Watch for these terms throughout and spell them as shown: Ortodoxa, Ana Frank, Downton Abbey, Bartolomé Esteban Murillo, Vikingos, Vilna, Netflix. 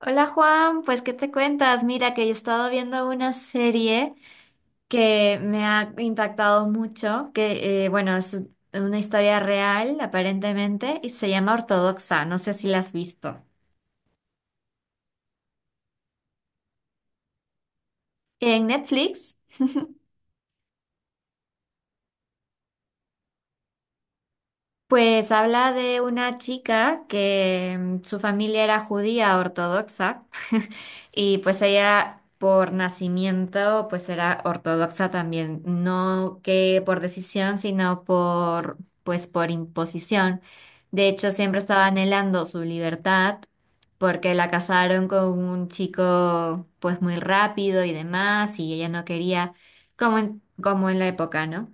Hola Juan, pues ¿qué te cuentas? Mira que he estado viendo una serie que me ha impactado mucho, que bueno, es una historia real aparentemente y se llama Ortodoxa, no sé si la has visto. En Netflix, pues habla de una chica que su familia era judía ortodoxa. Y pues ella por nacimiento pues era ortodoxa también, no que por decisión, sino por pues por imposición. De hecho, siempre estaba anhelando su libertad porque la casaron con un chico pues muy rápido y demás y ella no quería, como en la época, ¿no?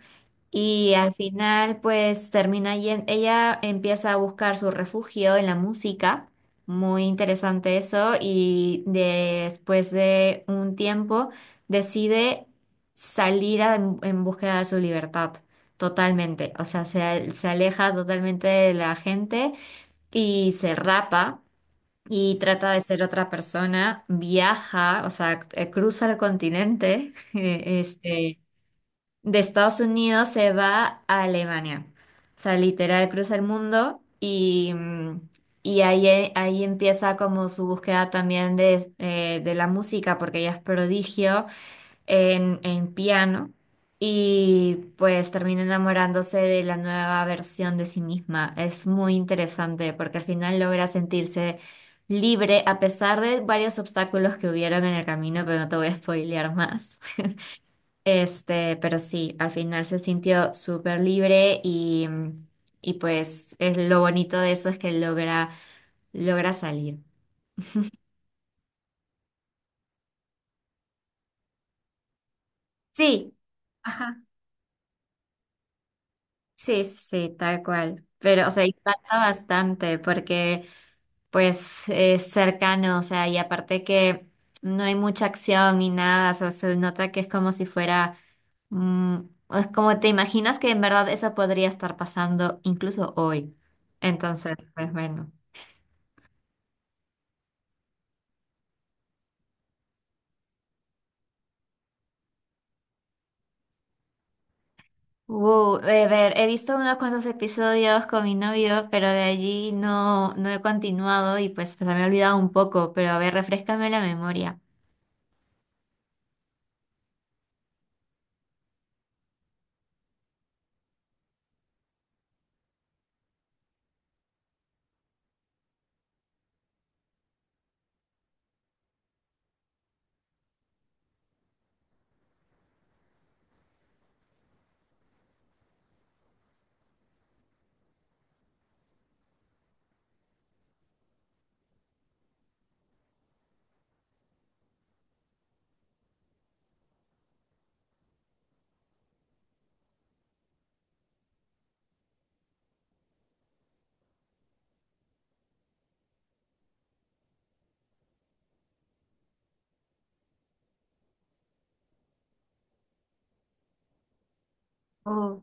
Y al final, pues ella empieza a buscar su refugio en la música. Muy interesante eso. Y después de un tiempo decide en búsqueda de su libertad. Totalmente. O sea, se aleja totalmente de la gente y se rapa y trata de ser otra persona. Viaja, o sea, cruza el continente. Este, de Estados Unidos se va a Alemania. O sea, literal cruza el mundo y, y ahí empieza como su búsqueda también de la música, porque ella es prodigio en piano y pues termina enamorándose de la nueva versión de sí misma. Es muy interesante porque al final logra sentirse libre a pesar de varios obstáculos que hubieron en el camino, pero no te voy a spoilear más. Este, pero sí, al final se sintió súper libre y pues es lo bonito de eso es que logra salir. Sí. Ajá. Sí, sí, sí, tal cual. Pero, o sea, impacta bastante porque pues es cercano, o sea, y aparte que no hay mucha acción ni nada, o sea, se nota que es como si fuera, mm, es como te imaginas que en verdad eso podría estar pasando incluso hoy. Entonces, pues bueno. A ver, he visto unos cuantos episodios con mi novio, pero de allí no, no he continuado y pues se me ha olvidado un poco, pero a ver, refréscame la memoria. Oh,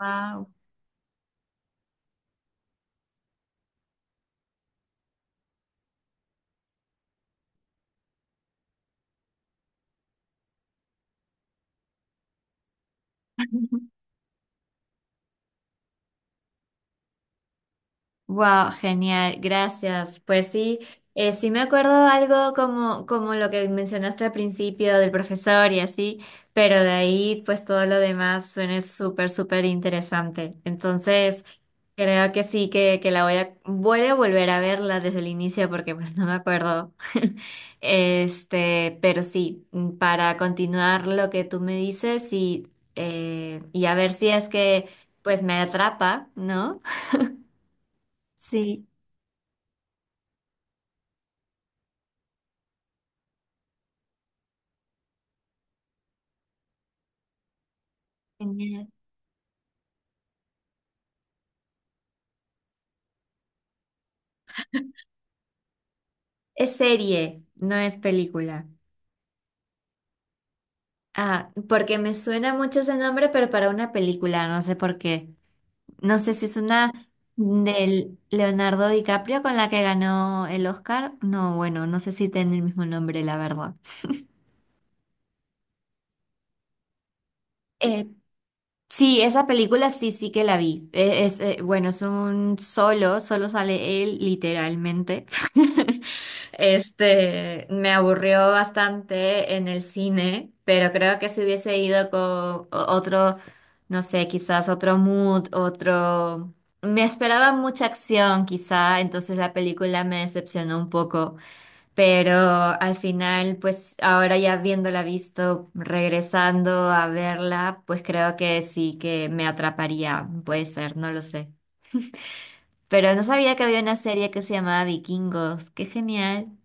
wow. Wow, genial, gracias. Pues sí, sí me acuerdo algo como, como lo que mencionaste al principio del profesor y así, pero de ahí pues todo lo demás suena súper, súper interesante. Entonces, creo que sí, que la voy a volver a verla desde el inicio porque pues no me acuerdo. Este, pero sí, para continuar lo que tú me dices y a ver si es que pues me atrapa, ¿no? Sí. Genial. Es serie, no es película. Ah, porque me suena mucho ese nombre, pero para una película, no sé por qué. No sé si es una del Leonardo DiCaprio con la que ganó el Oscar. No, bueno, no sé si tiene el mismo nombre, la verdad. Eh, Sí, esa película sí, sí que la vi. E- Es, bueno, es un solo sale él literalmente. Este, me aburrió bastante en el cine, pero creo que si hubiese ido con otro, no sé, quizás otro mood, otro... Me esperaba mucha acción, quizá, entonces la película me decepcionó un poco. Pero al final, pues ahora ya viéndola visto, regresando a verla, pues creo que sí que me atraparía, puede ser, no lo sé. Pero no sabía que había una serie que se llamaba Vikingos, qué genial.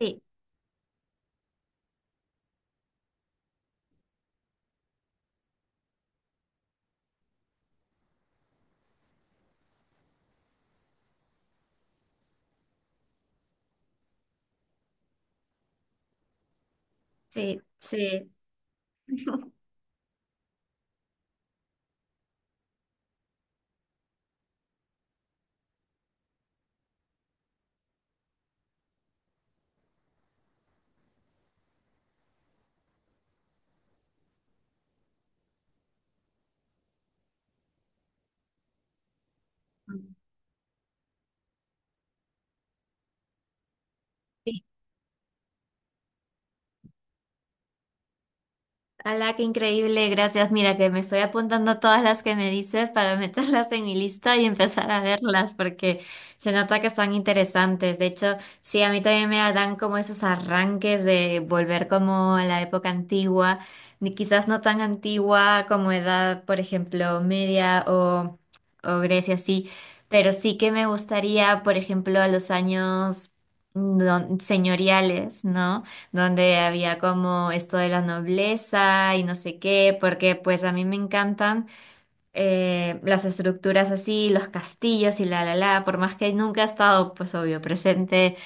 Sí, sí, sí. Ala, qué increíble, gracias. Mira que me estoy apuntando todas las que me dices para meterlas en mi lista y empezar a verlas porque se nota que son interesantes. De hecho, sí, a mí también me dan como esos arranques de volver como a la época antigua, ni quizás no tan antigua como edad, por ejemplo, media o Grecia, sí, pero sí que me gustaría, por ejemplo, a los años señoriales, ¿no? Donde había como esto de la nobleza y no sé qué, porque pues a mí me encantan, las estructuras así, los castillos y la, por más que nunca he estado, pues obvio, presente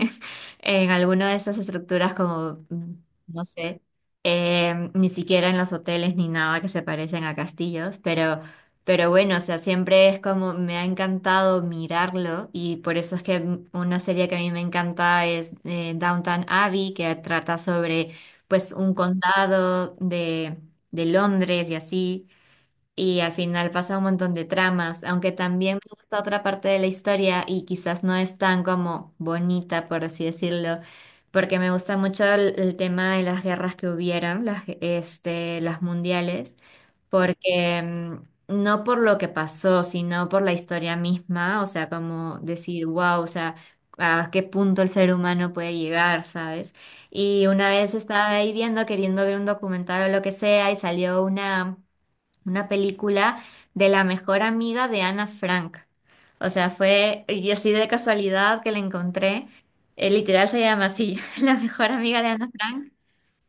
en alguna de esas estructuras como, no sé, ni siquiera en los hoteles ni nada que se parecen a castillos, pero bueno, o sea, siempre es como me ha encantado mirarlo y por eso es que una serie que a mí me encanta es Downton Abbey, que trata sobre pues un condado de Londres y así. Y al final pasa un montón de tramas, aunque también me gusta otra parte de la historia y quizás no es tan como bonita, por así decirlo, porque me gusta mucho el tema de las guerras que hubieron, este, las mundiales, porque no por lo que pasó, sino por la historia misma, o sea, como decir, wow, o sea, a qué punto el ser humano puede llegar, ¿sabes? Y una vez estaba ahí viendo, queriendo ver un documental o lo que sea, y salió una película de la mejor amiga de Ana Frank. O sea, fue, y así de casualidad que la encontré, literal se llama así, la mejor amiga de Ana Frank.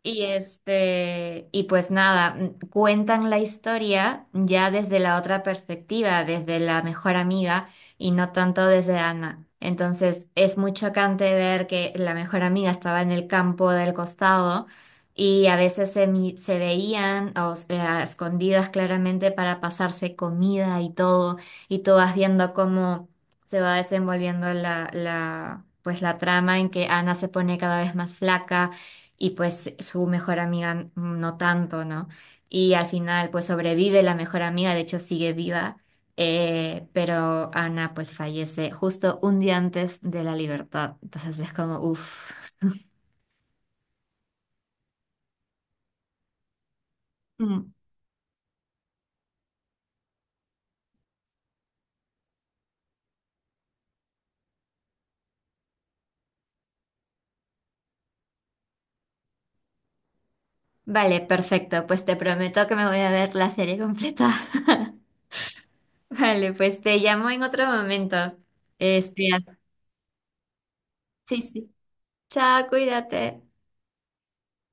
Y este, y pues nada, cuentan la historia ya desde la otra perspectiva, desde la mejor amiga y no tanto desde Ana. Entonces es muy chocante ver que la mejor amiga estaba en el campo del costado y a veces se veían, o sea, escondidas claramente para pasarse comida y todo, y tú vas viendo cómo se va desenvolviendo pues la trama en que Ana se pone cada vez más flaca y pues su mejor amiga no tanto, ¿no? Y al final pues sobrevive la mejor amiga, de hecho sigue viva, pero Ana pues fallece justo un día antes de la libertad, entonces es como, uff. Mm. Vale, perfecto, pues te prometo que me voy a ver la serie completa. Vale, pues te llamo en otro momento. Este, as- sí, sí. Chao, cuídate.